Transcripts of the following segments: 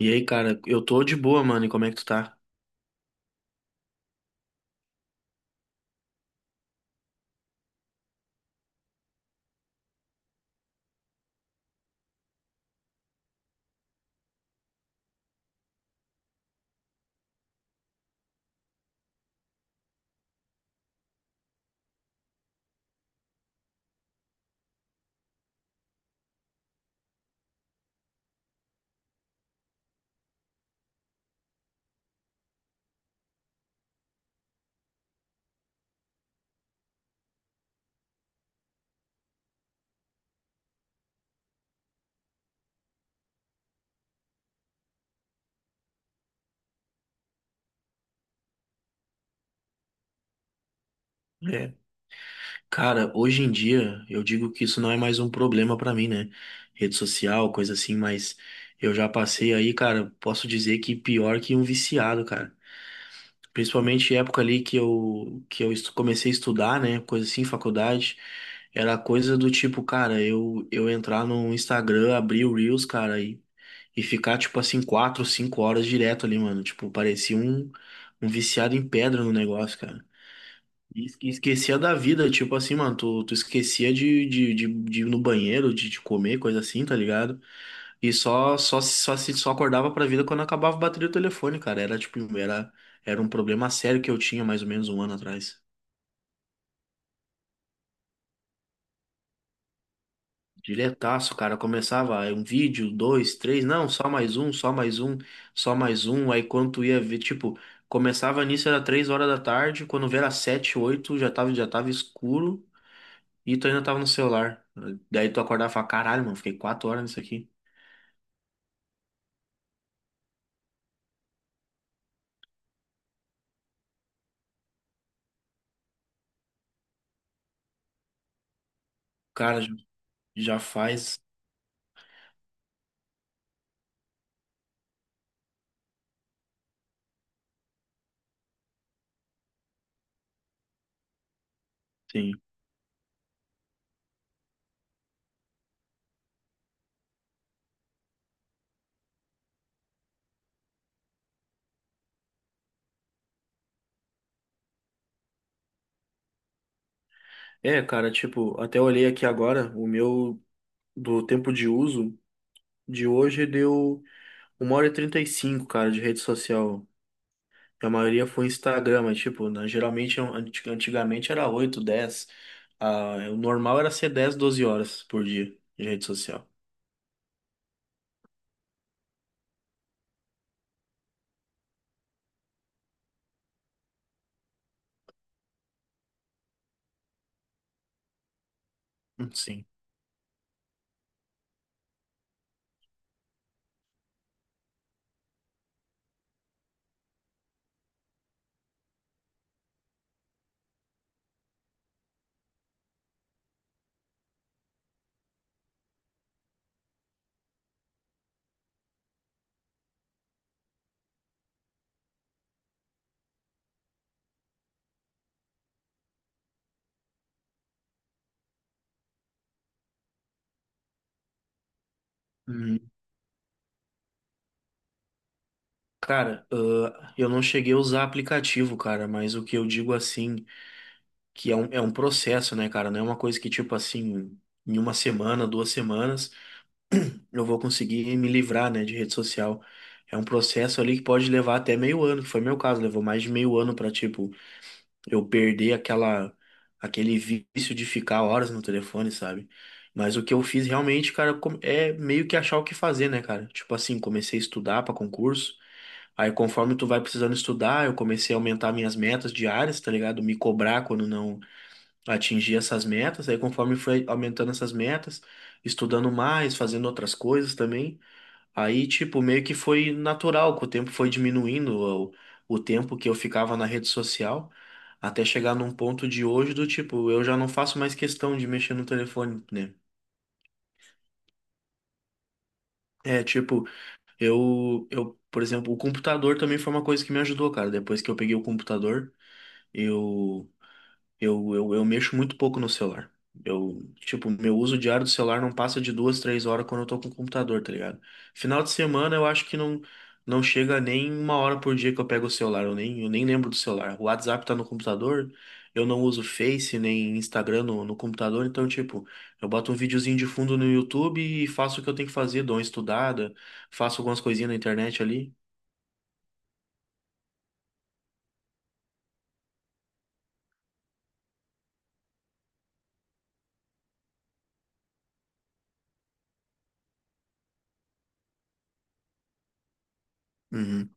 E aí, cara, eu tô de boa, mano. E como é que tu tá? É. Cara, hoje em dia eu digo que isso não é mais um problema pra mim, né? Rede social, coisa assim, mas eu já passei aí, cara, posso dizer que pior que um viciado, cara. Principalmente época ali que eu comecei a estudar, né? Coisa assim, faculdade. Era coisa do tipo, cara, eu entrar no Instagram, abrir o Reels, cara, e ficar, tipo assim, 4, 5 horas direto ali, mano. Tipo, parecia um viciado em pedra no negócio, cara. Esquecia da vida, tipo assim, mano, tu esquecia de ir no banheiro, de comer, coisa assim, tá ligado? E só só só se só acordava pra vida quando acabava a bateria do telefone, cara. Era um problema sério que eu tinha mais ou menos um ano atrás. Diretaço, cara, começava aí um vídeo, dois, três, não, só mais um, só mais um, só mais um. Aí quando tu ia ver, tipo, começava nisso era 3 horas da tarde, quando vê era 7, 8, já tava escuro. E tu ainda tava no celular. Daí tu acordava e falava, caralho, mano, fiquei 4 horas nisso aqui. Cara, já faz. Sim. É, cara, tipo, até olhei aqui agora, o meu do tempo de uso de hoje deu 1h35, cara, de rede social. A maioria foi Instagram, mas, tipo, né, geralmente, antigamente era 8, 10. Ah, o normal era ser 10, 12 horas por dia de rede social. Sim. Uhum. Cara, ah, eu não cheguei a usar aplicativo, cara, mas o que eu digo assim. Que é um processo, né, cara? Não é uma coisa que, tipo assim, em uma semana, 2 semanas, eu vou conseguir me livrar, né, de rede social. É um processo ali que pode levar até meio ano, que foi meu caso, levou mais de meio ano pra, tipo, eu perder aquele vício de ficar horas no telefone, sabe? Mas o que eu fiz realmente, cara, é meio que achar o que fazer, né, cara? Tipo assim, comecei a estudar pra concurso. Aí, conforme tu vai precisando estudar, eu comecei a aumentar minhas metas diárias, tá ligado? Me cobrar quando não atingir essas metas. Aí, conforme foi aumentando essas metas, estudando mais, fazendo outras coisas também, aí, tipo, meio que foi natural, que o tempo foi diminuindo o, o tempo que eu ficava na rede social, até chegar num ponto de hoje do tipo, eu já não faço mais questão de mexer no telefone, né? É, tipo, por exemplo, o computador também foi uma coisa que me ajudou, cara. Depois que eu peguei o computador, eu. Eu mexo muito pouco no celular. Eu, tipo, meu uso diário do celular não passa de 2, 3 horas quando eu tô com o computador, tá ligado? Final de semana eu acho que não, não chega nem uma hora por dia que eu pego o celular. Eu nem lembro do celular. O WhatsApp tá no computador, eu não uso Face nem Instagram no computador, então, tipo, eu boto um videozinho de fundo no YouTube e faço o que eu tenho que fazer, dou uma estudada, faço algumas coisinhas na internet ali. Uhum.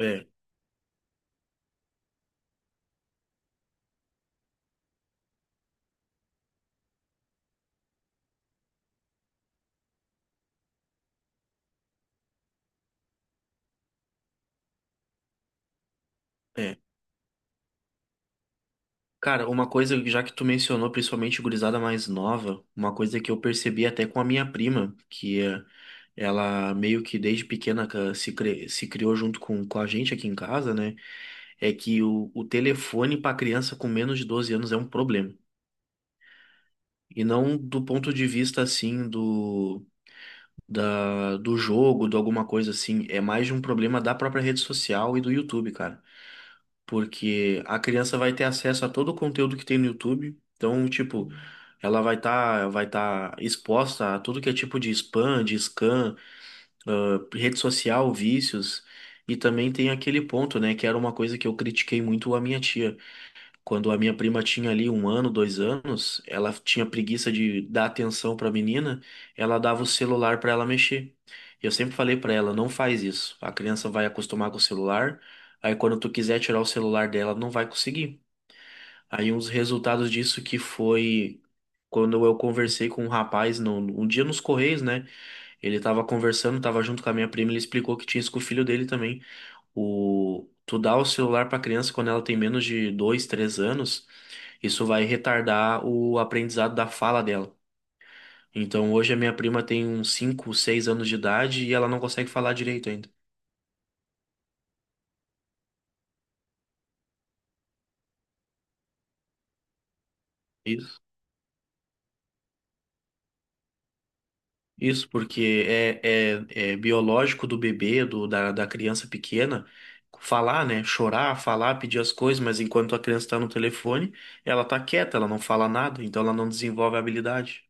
É, é. Cara, uma coisa, já que tu mencionou, principalmente gurizada mais nova, uma coisa que eu percebi até com a minha prima, que ela meio que desde pequena se criou junto com a gente aqui em casa, né? É que o telefone para criança com menos de 12 anos é um problema. E não do ponto de vista assim do jogo, de alguma coisa assim. É mais de um problema da própria rede social e do YouTube, cara. Porque a criança vai ter acesso a todo o conteúdo que tem no YouTube. Então, tipo, ela vai tá exposta a tudo que é tipo de spam, de scam, ah, rede social, vícios. E também tem aquele ponto, né, que era uma coisa que eu critiquei muito a minha tia. Quando a minha prima tinha ali um ano, 2 anos, ela tinha preguiça de dar atenção para a menina, ela dava o celular para ela mexer. E eu sempre falei para ela, não faz isso. A criança vai acostumar com o celular, aí quando tu quiser tirar o celular dela, não vai conseguir. Aí um dos resultados disso que foi quando eu conversei com um rapaz no, um dia nos Correios, né? Ele tava conversando, tava junto com a minha prima, ele explicou que tinha isso com o filho dele também. O, tu dá o celular pra criança quando ela tem menos de 2, 3 anos. Isso vai retardar o aprendizado da fala dela. Então, hoje a minha prima tem uns 5, 6 anos de idade e ela não consegue falar direito ainda. Isso. Isso, porque é biológico do bebê, da criança pequena, falar, né? Chorar, falar, pedir as coisas, mas enquanto a criança está no telefone, ela tá quieta, ela não fala nada, então ela não desenvolve a habilidade.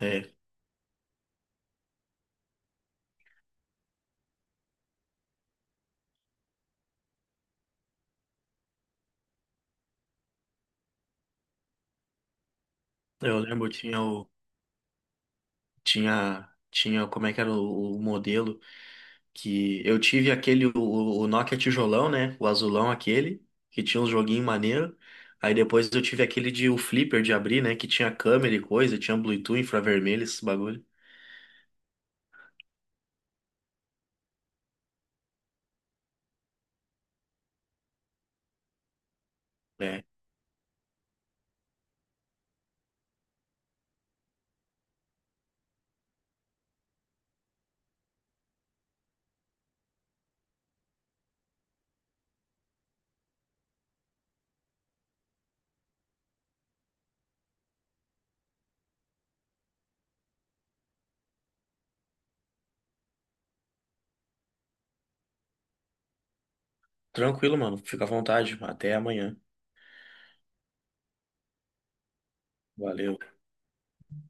É, eu lembro, tinha, como é que era o modelo? Que eu tive aquele, o Nokia tijolão, né? O azulão aquele, que tinha um joguinho maneiro. Aí depois eu tive aquele de o flipper de abrir, né? Que tinha câmera e coisa, tinha Bluetooth, infravermelho, esses bagulho. É, tranquilo, mano. Fica à vontade. Até amanhã. Valeu.